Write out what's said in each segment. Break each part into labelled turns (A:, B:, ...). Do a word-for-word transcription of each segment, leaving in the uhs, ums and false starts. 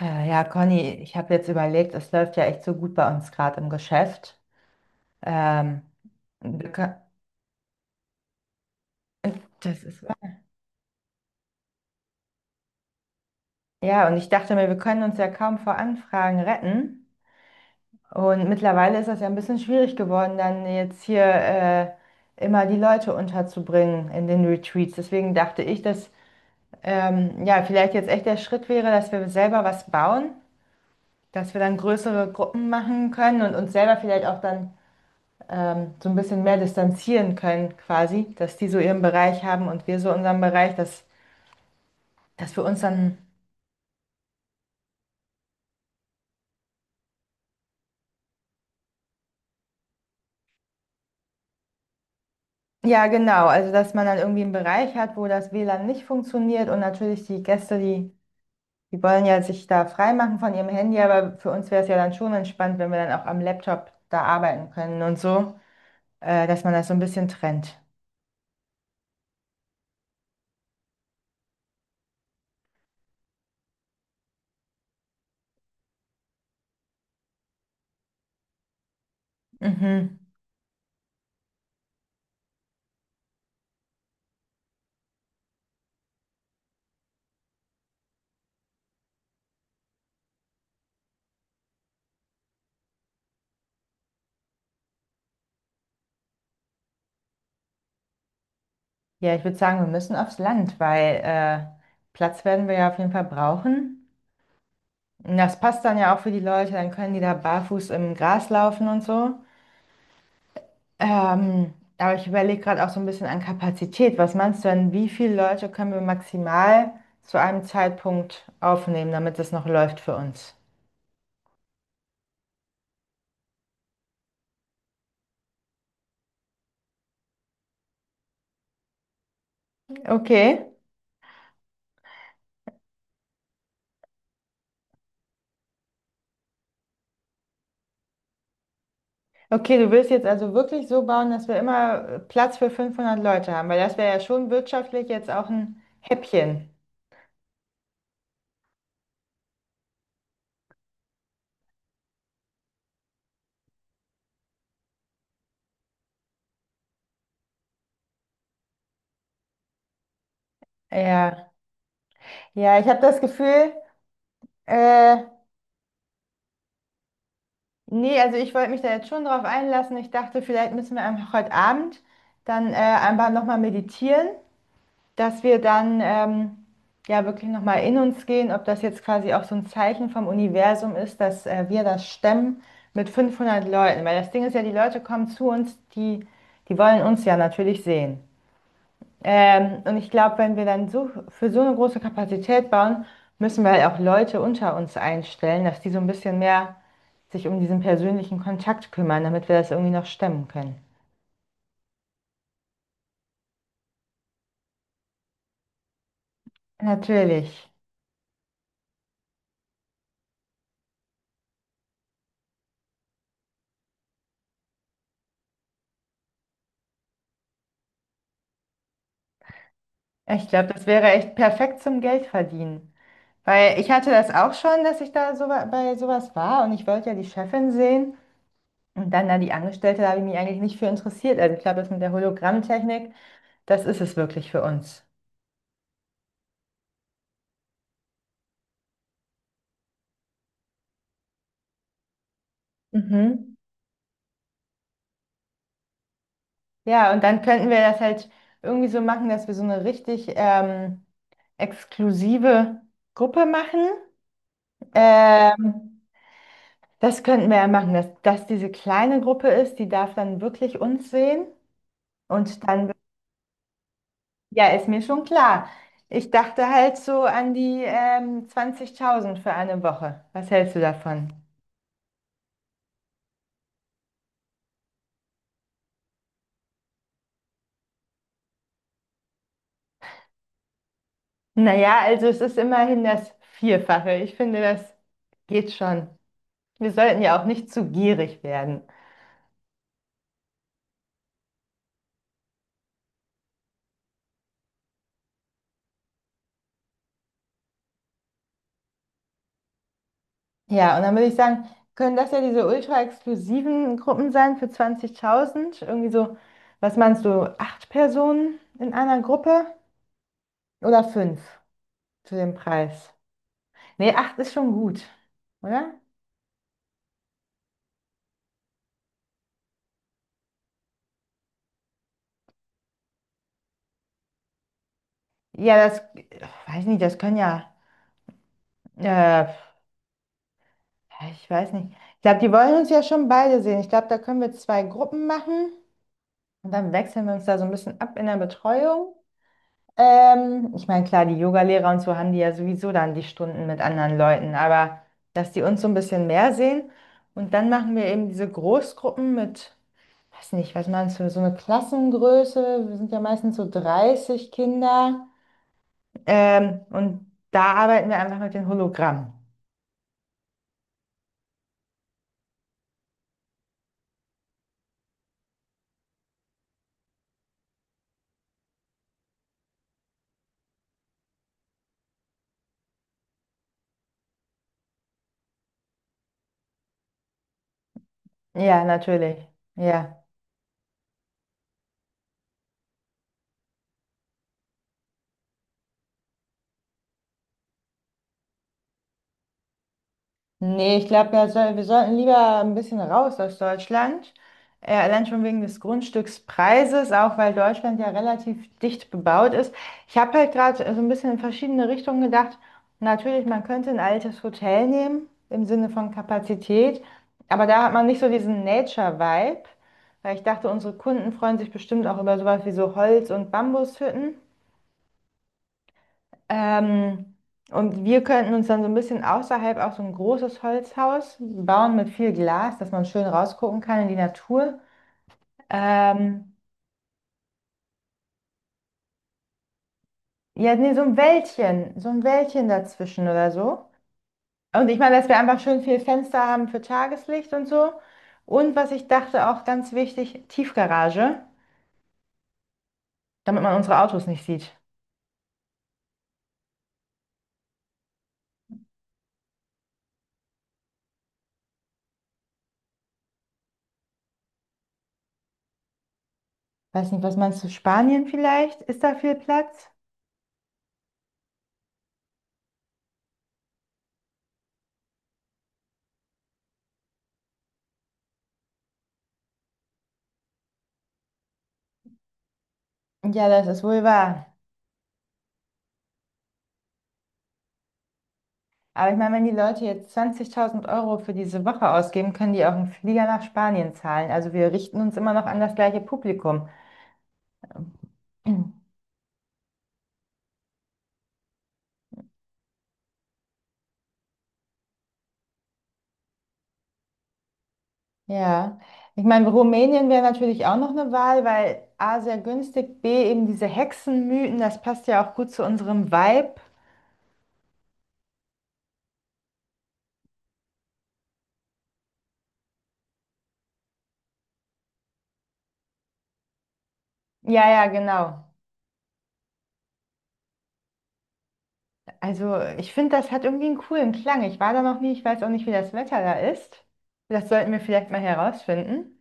A: Äh, ja, Conny, ich habe jetzt überlegt, es läuft ja echt so gut bei uns gerade im Geschäft. Ähm, wir kö- äh, Das ist wahr. Ja, und ich dachte mir, wir können uns ja kaum vor Anfragen retten. Und mittlerweile ist das ja ein bisschen schwierig geworden, dann jetzt hier äh, immer die Leute unterzubringen in den Retreats. Deswegen dachte ich, dass ähm, ja vielleicht jetzt echt der Schritt wäre, dass wir selber was bauen, dass wir dann größere Gruppen machen können und uns selber vielleicht auch dann ähm, so ein bisschen mehr distanzieren können, quasi, dass die so ihren Bereich haben und wir so unseren Bereich, dass, dass wir uns dann, ja, genau, also dass man dann irgendwie einen Bereich hat, wo das W L A N nicht funktioniert und natürlich die Gäste, die, die wollen ja sich da freimachen von ihrem Handy, aber für uns wäre es ja dann schon entspannt, wenn wir dann auch am Laptop da arbeiten können und so, äh, dass man das so ein bisschen trennt. Mhm. Ja, ich würde sagen, wir müssen aufs Land, weil äh, Platz werden wir ja auf jeden Fall brauchen. Und das passt dann ja auch für die Leute, dann können die da barfuß im Gras laufen und so. Ähm, aber ich überlege gerade auch so ein bisschen an Kapazität. Was meinst du denn, wie viele Leute können wir maximal zu einem Zeitpunkt aufnehmen, damit das noch läuft für uns? Okay. Okay, du willst jetzt also wirklich so bauen, dass wir immer äh, Platz für fünfhundert Leute haben, weil das wäre ja schon wirtschaftlich jetzt auch ein Häppchen. Ja, ja, ich habe das Gefühl, äh, Nee, also ich wollte mich da jetzt schon drauf einlassen. Ich dachte, vielleicht müssen wir einfach heute Abend dann äh, einfach nochmal meditieren, dass wir dann ähm, ja wirklich nochmal in uns gehen, ob das jetzt quasi auch so ein Zeichen vom Universum ist, dass äh, wir das stemmen mit fünfhundert Leuten. Weil das Ding ist ja, die Leute kommen zu uns, die, die wollen uns ja natürlich sehen. Ähm, und ich glaube, wenn wir dann so für so eine große Kapazität bauen, müssen wir halt auch Leute unter uns einstellen, dass die so ein bisschen mehr sich um diesen persönlichen Kontakt kümmern, damit wir das irgendwie noch stemmen können. Natürlich. Ich glaube, das wäre echt perfekt zum Geldverdienen. Weil ich hatte das auch schon, dass ich da so wa- bei sowas war und ich wollte ja die Chefin sehen. Und dann da die Angestellte, da habe ich mich eigentlich nicht für interessiert. Also ich glaube, das mit der Hologrammtechnik, das ist es wirklich für uns. Mhm. Ja, und dann könnten wir das halt irgendwie so machen, dass wir so eine richtig ähm, exklusive Gruppe machen. Ähm, Das könnten wir ja machen, dass das diese kleine Gruppe ist, die darf dann wirklich uns sehen. Und dann, ja, ist mir schon klar. Ich dachte halt so an die ähm, zwanzigtausend für eine Woche. Was hältst du davon? Naja, also es ist immerhin das Vierfache. Ich finde, das geht schon. Wir sollten ja auch nicht zu gierig werden. Ja, und dann würde ich sagen, können das ja diese ultra-exklusiven Gruppen sein für zwanzigtausend. Irgendwie so, was meinst du, acht Personen in einer Gruppe oder fünf zu dem Preis? Nee, acht ist schon gut, oder? Ja, das, weiß nicht, das können ja, äh, ich weiß nicht. Ich glaube, die wollen uns ja schon beide sehen. Ich glaube, da können wir zwei Gruppen machen und dann wechseln wir uns da so ein bisschen ab in der Betreuung. Ähm, ich meine, klar, die Yogalehrer und so haben die ja sowieso dann die Stunden mit anderen Leuten, aber dass die uns so ein bisschen mehr sehen und dann machen wir eben diese Großgruppen mit, weiß nicht, was meinst du, so eine Klassengröße, wir sind ja meistens so dreißig Kinder ähm, und da arbeiten wir einfach mit den Hologrammen. Ja, natürlich. Ja. Nee, ich glaube, wir, soll, wir sollten lieber ein bisschen raus aus Deutschland. Äh, allein schon wegen des Grundstückspreises, auch weil Deutschland ja relativ dicht bebaut ist. Ich habe halt gerade so ein bisschen in verschiedene Richtungen gedacht. Natürlich, man könnte ein altes Hotel nehmen, im Sinne von Kapazität, aber da hat man nicht so diesen Nature-Vibe, weil ich dachte, unsere Kunden freuen sich bestimmt auch über sowas wie so Holz- und Bambushütten. Ähm, und wir könnten uns dann so ein bisschen außerhalb auch so ein großes Holzhaus bauen mit viel Glas, dass man schön rausgucken kann in die Natur. Ähm, ja, nee, so ein Wäldchen, so ein Wäldchen dazwischen oder so. Und ich meine, dass wir einfach schön viel Fenster haben für Tageslicht und so. Und was ich dachte, auch ganz wichtig, Tiefgarage, damit man unsere Autos nicht sieht. Weiß nicht, was meinst du, Spanien vielleicht? Ist da viel Platz? Ja, das ist wohl wahr. Aber ich meine, wenn die Leute jetzt zwanzigtausend Euro für diese Woche ausgeben, können die auch einen Flieger nach Spanien zahlen. Also wir richten uns immer noch an das gleiche Publikum. Ja, ich meine, Rumänien wäre natürlich auch noch eine Wahl, weil A, sehr günstig, B, eben diese Hexenmythen, das passt ja auch gut zu unserem Vibe. Ja, ja, genau. Also ich finde, das hat irgendwie einen coolen Klang. Ich war da noch nie, ich weiß auch nicht, wie das Wetter da ist. Das sollten wir vielleicht mal herausfinden.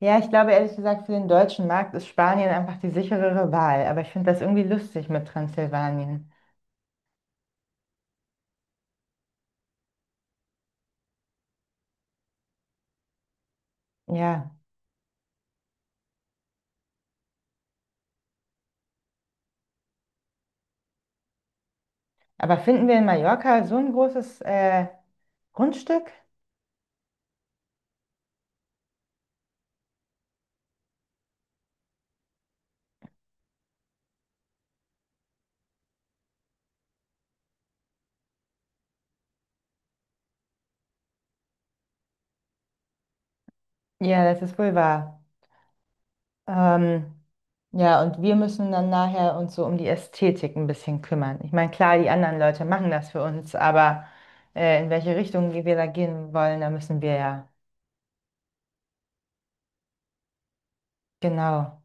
A: Ja, ich glaube ehrlich gesagt, für den deutschen Markt ist Spanien einfach die sicherere Wahl. Aber ich finde das irgendwie lustig mit Transsilvanien. Ja, aber finden wir in Mallorca so ein großes äh, Grundstück? Ja, das ist wohl wahr. Ähm, ja, und wir müssen dann nachher uns so um die Ästhetik ein bisschen kümmern. Ich meine, klar, die anderen Leute machen das für uns, aber äh, in welche Richtung wir da gehen wollen, da müssen wir ja. Genau.